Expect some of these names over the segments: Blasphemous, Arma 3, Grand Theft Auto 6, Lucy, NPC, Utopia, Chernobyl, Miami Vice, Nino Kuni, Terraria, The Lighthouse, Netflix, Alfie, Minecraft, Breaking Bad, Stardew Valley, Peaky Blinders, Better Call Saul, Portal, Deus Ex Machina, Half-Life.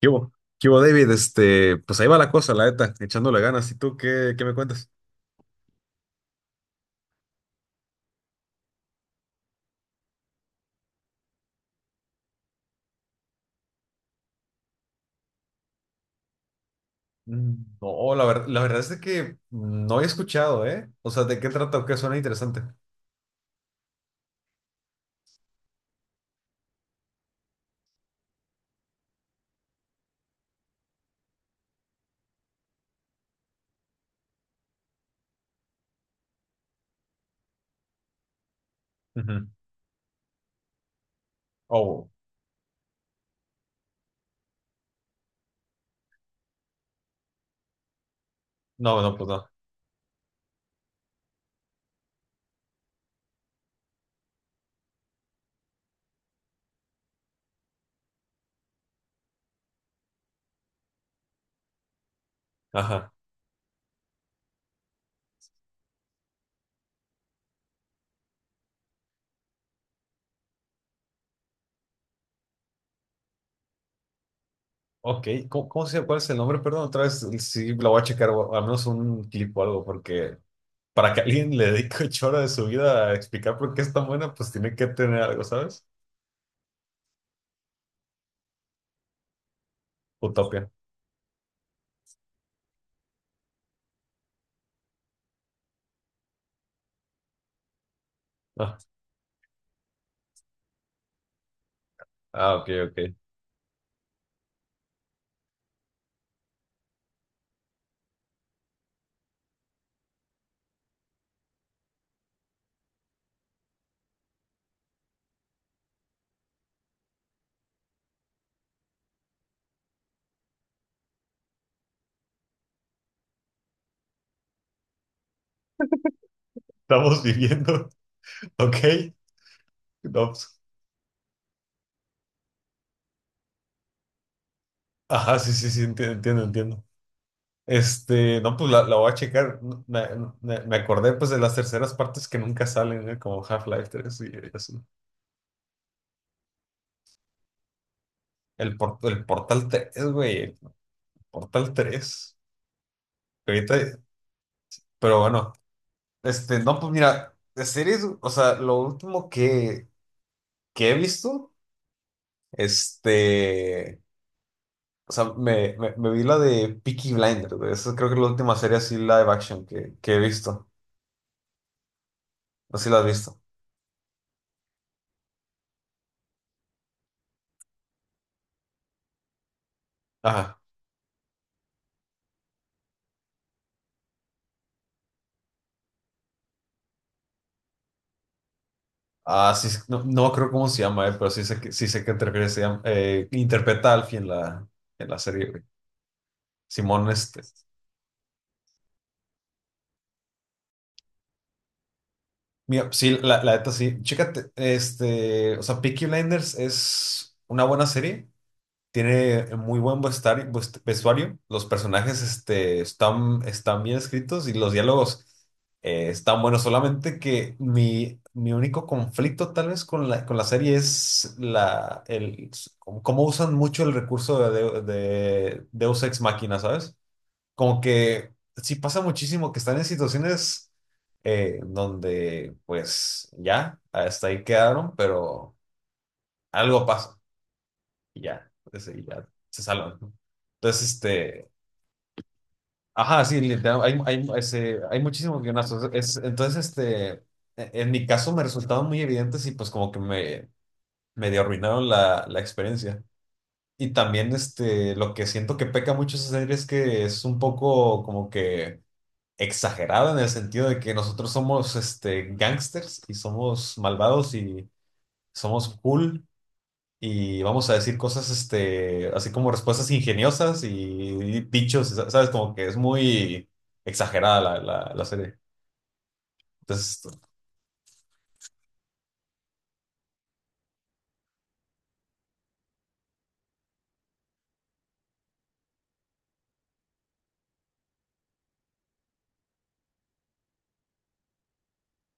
¿Qué hubo? ¿Qué hubo, David? Este, pues ahí va la cosa, la neta, echándole ganas. ¿Y tú qué me cuentas? Mm, no, la verdad es de que no he escuchado, ¿eh? O sea, ¿de qué trata o qué suena interesante? Ujú. Oh, no, no, pues no. Ajá. Ok, ¿cómo, cómo se ¿Cuál es el nombre? Perdón, otra vez sí lo voy a checar, o al menos un clip o algo, porque para que alguien le dedique 8 horas de su vida a explicar por qué es tan buena, pues tiene que tener algo, ¿sabes? Utopia. Ah, ah, ok, ok. Estamos viviendo, ok. No, pues, ajá, sí, sí, sí, entiendo, entiendo. Este, no, pues la voy a checar. Me, me acordé pues de las terceras partes que nunca salen, ¿eh? Como Half-Life 3 y así. El Portal 3, güey, el Portal 3. Que ahorita- pero bueno, este, no, pues mira, de series, o sea, lo último que he visto, este, o sea, me vi la de Peaky Blinders, güey. Esa creo que es la última serie así live action que he visto. Así la has visto. Ajá. Ah, sí, no, no creo cómo se llama, pero sí sé que, te refieres, interpreta a Alfie en la serie, güey. Simón, este. Mira, sí, la neta sí. Chécate, este, o sea, Peaky Blinders es una buena serie. Tiene muy buen vestuario. Los personajes, este, están bien escritos y los diálogos, están buenos. Solamente que mi único conflicto tal vez con la, serie es cómo usan mucho el recurso de Deus Ex Machina, ¿sabes? Como que sí pasa muchísimo que están en situaciones, donde pues ya, hasta ahí quedaron, pero algo pasa y ya, y ya se salvan, ¿no? Entonces, este, ajá, sí, literal, hay, hay muchísimos guionazos. Entonces, este, en mi caso me resultaban muy evidentes y pues como que me medio arruinaron la, la experiencia. Y también, este, lo que siento que peca mucho esa serie es que es un poco como que exagerada en el sentido de que nosotros somos, este, gangsters y somos malvados y somos cool y vamos a decir cosas, este, así como respuestas ingeniosas y dichos, ¿sabes? Como que es muy exagerada la serie. Entonces,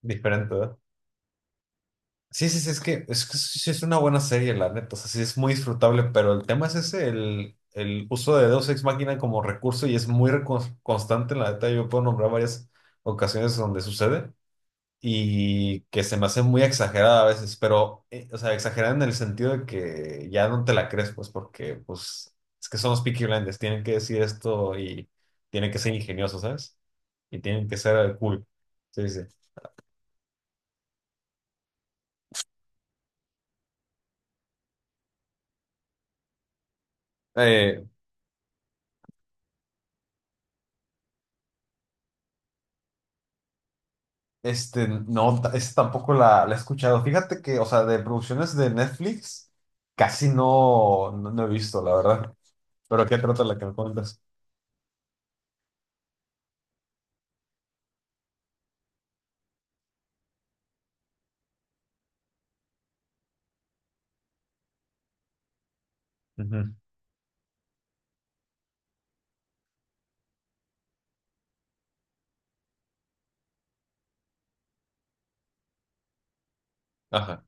diferente, ¿verdad? Sí, sí, sí, es que sí, sí es una buena serie, la neta, o sea, sí es muy disfrutable, pero el tema es ese, el uso de Deus Ex Machina como recurso y es muy constante, la neta, yo puedo nombrar varias ocasiones donde sucede. Y que se me hace muy exagerada a veces, pero, o sea, exagerada en el sentido de que ya no te la crees, pues, porque, pues, es que son los Peaky Blinders, tienen que decir esto y tienen que ser ingeniosos, ¿sabes? Y tienen que ser cool. Sí, sí. Eh, este, no, esa tampoco la he escuchado. Fíjate que, o sea, de producciones de Netflix, casi no, no, no he visto, la verdad. Pero ¿qué trata la que me cuentas? Ujú. Ajá,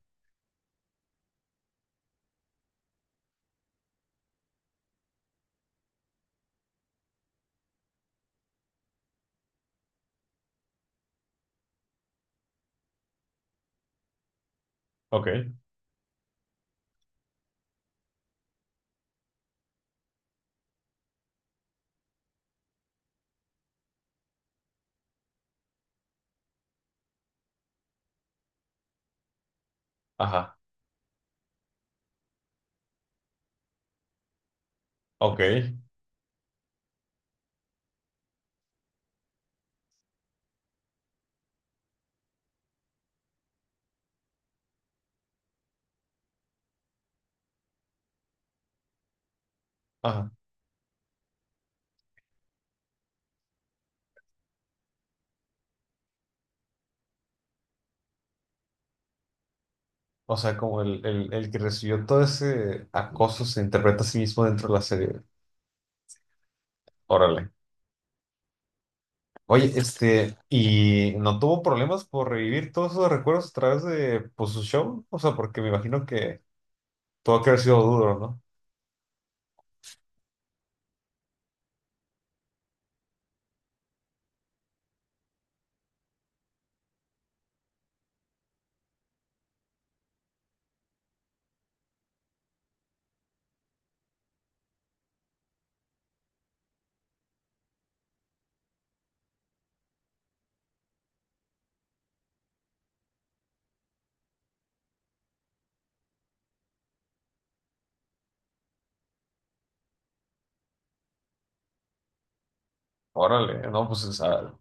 ok, ajá, ok, ajá. O sea, como el, el que recibió todo ese acoso se interpreta a sí mismo dentro de la serie. Órale. Oye, este, ¿y no tuvo problemas por revivir todos esos recuerdos a través de, pues, su show? O sea, porque me imagino que tuvo que haber sido duro, ¿no? Órale, no, pues o sea,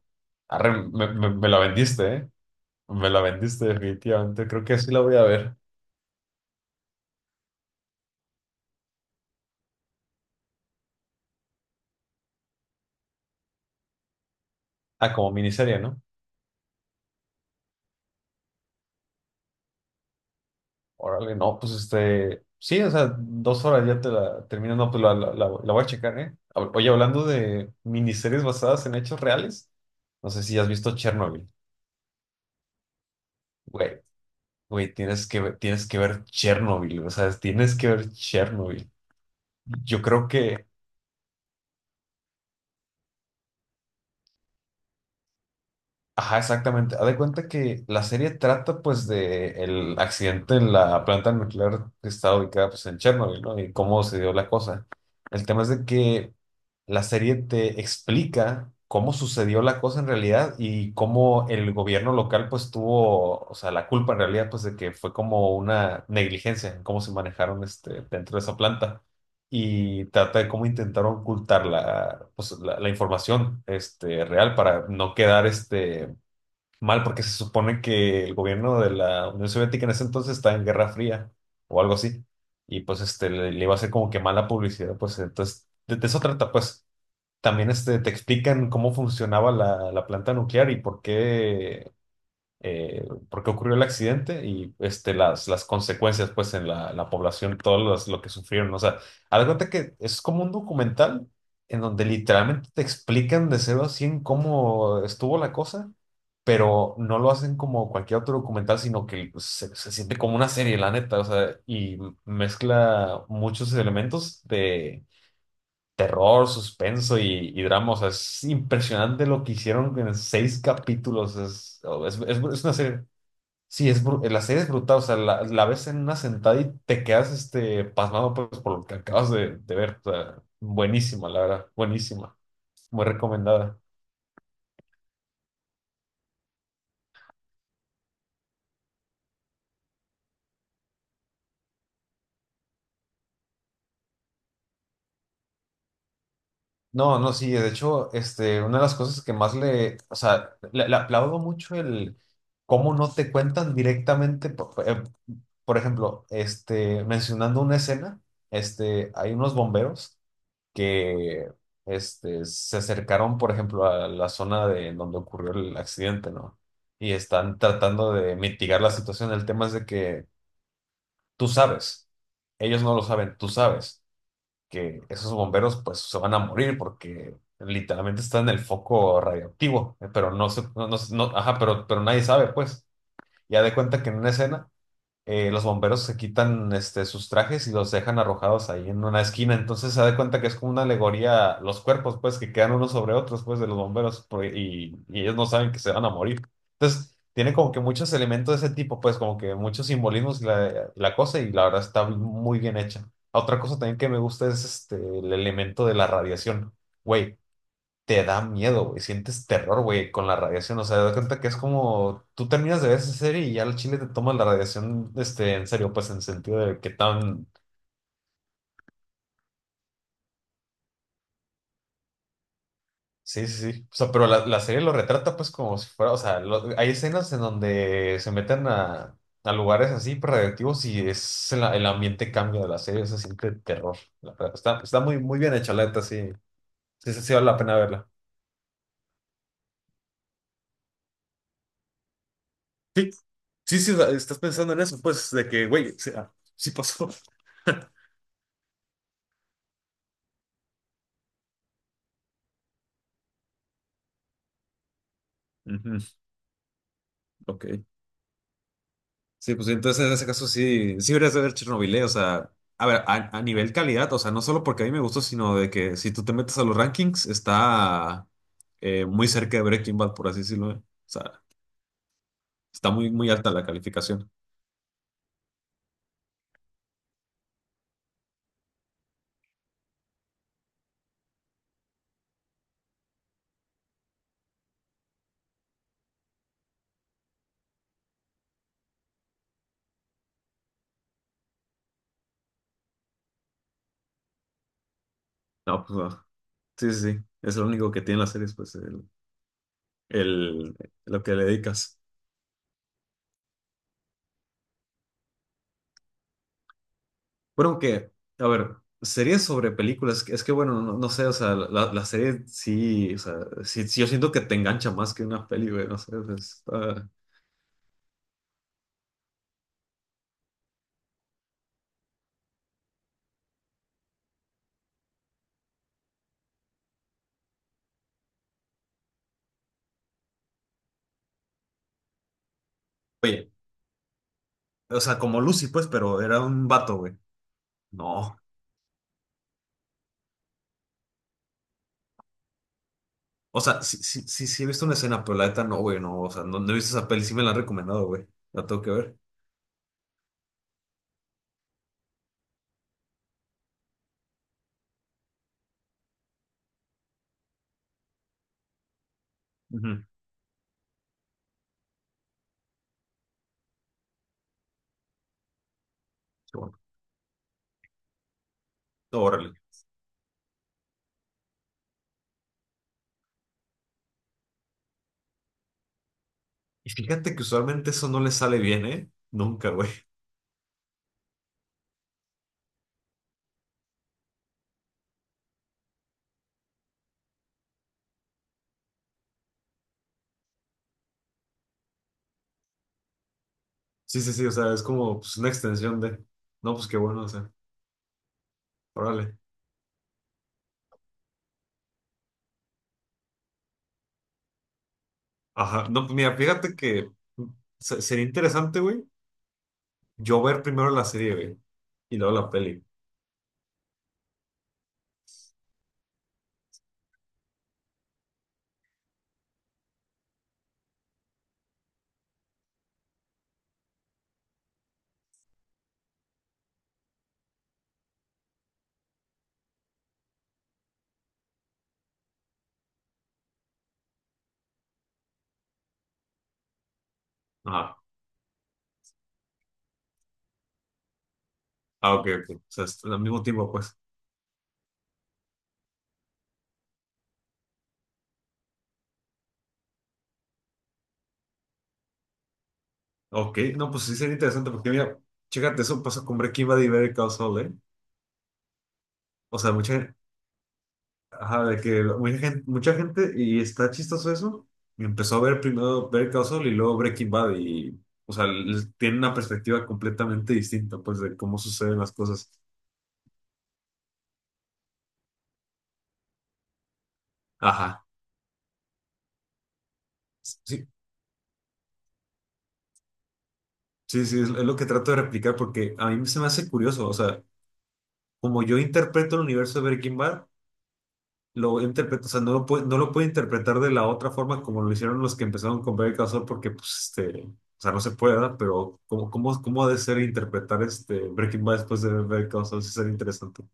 arre, me la vendiste, ¿eh? Me la vendiste definitivamente. Creo que así la voy a ver. Ah, como miniserie, ¿no? Órale, no, pues este, sí, o sea, 2 horas ya te la terminas, no, pues la, la voy a checar, ¿eh? Oye, hablando de miniseries basadas en hechos reales, no sé si has visto Chernobyl. Güey, güey, tienes que ver Chernobyl, o sea, tienes que ver Chernobyl. Yo creo que. Ajá, exactamente. Haz de cuenta que la serie trata pues de el accidente en la planta nuclear que está ubicada pues en Chernobyl, ¿no? Y cómo se dio la cosa. El tema es de que la serie te explica cómo sucedió la cosa en realidad y cómo el gobierno local pues tuvo, o sea, la culpa en realidad pues de que fue como una negligencia en cómo se manejaron, este, dentro de esa planta, y trata de cómo intentaron ocultar la, pues, la información, este, real, para no quedar este mal, porque se supone que el gobierno de la Unión Soviética en ese entonces estaba en Guerra Fría o algo así. Y pues este le iba a hacer como que mala publicidad, pues entonces de, eso trata, pues también este te explican cómo funcionaba la, planta nuclear y por qué, por qué ocurrió el accidente y, este, las, consecuencias pues en la población, todo lo que sufrieron. O sea, haz de cuenta que es como un documental en donde literalmente te explican de cero a cien cómo estuvo la cosa, pero no lo hacen como cualquier otro documental, sino que se siente como una serie, la neta, o sea, y mezcla muchos elementos de terror, suspenso y drama, o sea, es impresionante lo que hicieron en 6 capítulos, es, es una serie. Sí, la serie es brutal, o sea, la, ves en una sentada y te quedas, este, pasmado pues, por lo que acabas de ver. O sea, buenísima, la verdad, buenísima, muy recomendada. No, no, sí, de hecho, este, una de las cosas que o sea, le aplaudo mucho el cómo no te cuentan directamente, por ejemplo, este, mencionando una escena, este, hay unos bomberos que, este, se acercaron, por ejemplo, a la zona de donde ocurrió el accidente, ¿no? Y están tratando de mitigar la situación. El tema es de que tú sabes, ellos no lo saben, tú sabes que esos bomberos pues se van a morir porque literalmente están en el foco radioactivo, pero no se, no, no se- no- ajá, pero, nadie sabe, pues. Ya de cuenta que en una escena, los bomberos se quitan, este, sus trajes y los dejan arrojados ahí en una esquina. Entonces se da cuenta que es como una alegoría, los cuerpos, pues, que quedan unos sobre otros, pues, de los bomberos, y ellos no saben que se van a morir. Entonces, tiene como que muchos elementos de ese tipo, pues, como que muchos simbolismos y la, cosa, y la verdad está muy bien hecha. Otra cosa también que me gusta es, este, el elemento de la radiación. Güey, te da miedo, güey. Sientes terror, güey, con la radiación. O sea, te das cuenta que es como tú terminas de ver esa serie y ya al chile te tomas la radiación, este, en serio, pues en sentido de que tan. Sí, sí, sí. O sea, pero la, serie lo retrata, pues como si fuera. O sea, hay escenas en donde se meten a, lugares así pues, radioactivos, y es el ambiente cambia de la serie. Se siente terror. La verdad, está muy, muy bien hecha, la neta, sí. Sí, sí, sí, vale la pena verla. Sí, sí, sí, o sea, estás pensando en eso, pues, de que, güey, o sea, sí pasó. Ujú. Ok. Sí, pues entonces en ese caso sí, sí deberías de ver Chernobyl, ¿eh? O sea, a ver, a nivel calidad, o sea, no solo porque a mí me gustó, sino de que si tú te metes a los rankings, está, muy cerca de Breaking Bad, por así decirlo, ¿eh? O sea, está muy, muy alta la calificación. No, pues no. Sí, sí, sí. Es lo único que tiene las series, pues, el- lo que le dedicas. Bueno, que, a ver, series sobre películas, es que bueno, no, no sé, o sea, la serie sí, o sea, sí, sí yo siento que te engancha más que una peli, güey, no sé, pues, está- Oye, o sea, como Lucy, pues, pero era un vato, güey. No. O sea, sí, sí, sí, sí he visto una escena, pero la neta no, güey, no. O sea, no, no he visto esa peli, sí me la han recomendado, güey. La tengo que ver. Ujú. Qué bueno. Órale. Y fíjate que usualmente eso no le sale bien, ¿eh? Nunca, güey. Sí, sí, sí, o sea, es como pues, una extensión de. No, pues qué bueno, o sea, órale. Ajá. No, pues mira, fíjate que mm, sería interesante, güey, yo ver primero la serie, güey, y luego la peli. Ajá. Ah, ok, ok. O sea, es al mismo tiempo, pues. Ok, no, pues sí sería interesante porque mira, chécate, eso pasó con Breaking Bad y Better Call Saul, ¿eh? O sea, mucha, ajá, mucha gente, y está chistoso eso, y empezó a ver primero Better Call Saul y luego Breaking Bad y, o sea, tienen una perspectiva completamente distinta, pues, de cómo suceden las cosas. Ajá, sí, sí, sí, es lo que trato de replicar porque a mí se me hace curioso, o sea, como yo interpreto el universo de Breaking Bad, lo interpreta, o sea, no lo puede interpretar de la otra forma como lo hicieron los que empezaron con Better Call Saul, porque, pues, este, o sea, no se puede, ¿verdad? Pero, ¿cómo, ¿cómo ha de ser interpretar este Breaking Bad después de Better Call Saul? Sí, sería interesante.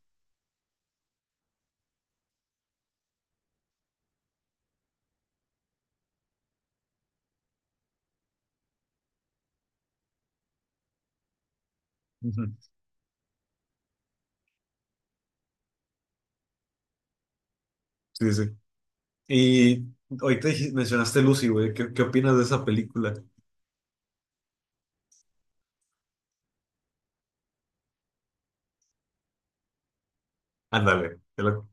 Ujú. Sí, sí. Y ahorita mencionaste Lucy, güey, ¿qué opinas de esa película? Ándale,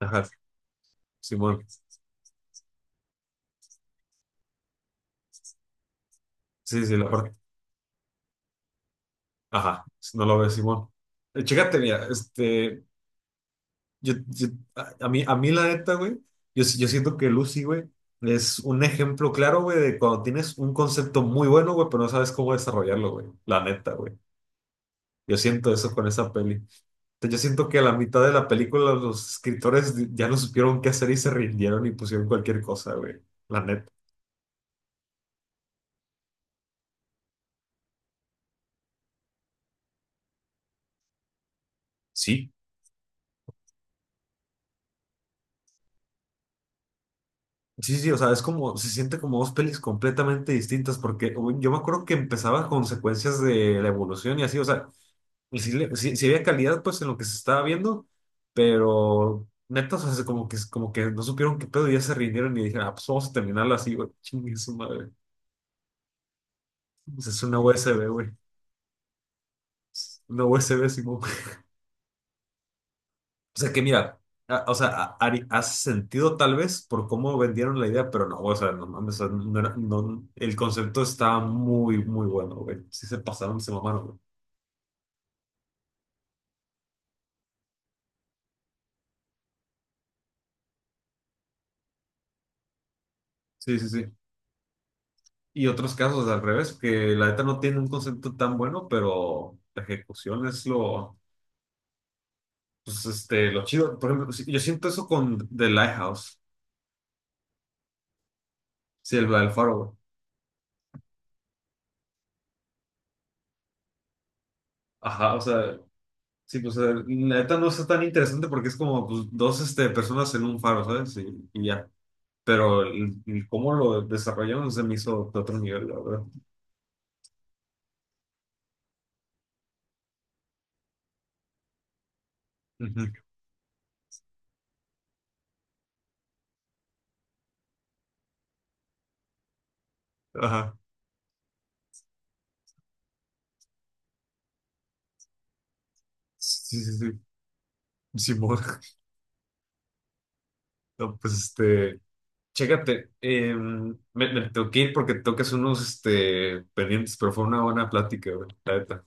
ajá, Simón. Sí, sí, la parte, ajá, no lo ve Simón. Chécate, mira, este. Yo, yo- a mí, a mí la neta, güey, yo, si- yo siento que Lucy, güey, es un ejemplo claro, güey, de cuando tienes un concepto muy bueno, güey, pero no sabes cómo desarrollarlo, güey. La neta, güey. Yo siento eso con esa peli. O sea, yo siento que a la mitad de la película los escritores ya no supieron qué hacer y se rindieron y pusieron cualquier cosa, güey. La neta. Sí, Sí, sí, o sea, es como, se siente como dos pelis completamente distintas, porque güey, yo me acuerdo que empezaba con secuencias de la evolución y así, o sea, pues sí, sí había calidad pues en lo que se estaba viendo, pero neta, o sea, como que no supieron qué pedo y ya se rindieron y dijeron, ah, pues vamos a terminarlo así, güey, chingue su madre. Pues es una USB, güey, una USB, Simón. O sea que mira, o sea, Ari, hace sentido tal vez por cómo vendieron la idea, pero no, o sea, no mames, o sea, el concepto estaba muy, muy bueno, güey. Sí se pasaron, se mamaron, güey. Sí, sí, sí. Y otros casos al revés, que la neta no tiene un concepto tan bueno, pero la ejecución es lo. Pues este, lo chido, por ejemplo, sí, yo siento eso con The Lighthouse, sí, el faro, güey. Ajá, o sea, sí, pues la neta no está tan interesante porque es como pues, dos este, personas en un faro, ¿sabes? Y ya. Pero el cómo lo desarrollaron se me hizo de otro nivel, la verdad. Ujú, Ajá. Sí, sí, sí. Simón. No, pues este, chécate, me tengo que ir porque tengo que unos este, pendientes, pero fue una buena plática, güey, la neta.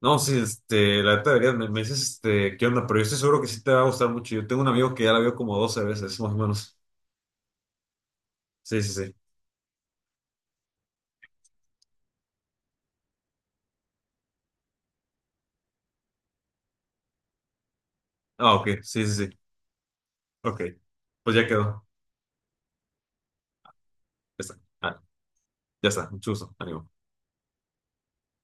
No, sí, este, la neta deberías, me dices, este, qué onda, pero yo estoy seguro que sí te va a gustar mucho. Yo tengo un amigo que ya la vio como 12 veces, más o menos. Sí, sí, sí. Ah, ok, sí, sí, sí. Ok, pues ya quedó. Ya está. Ah, ya está, mucho gusto, ánimo.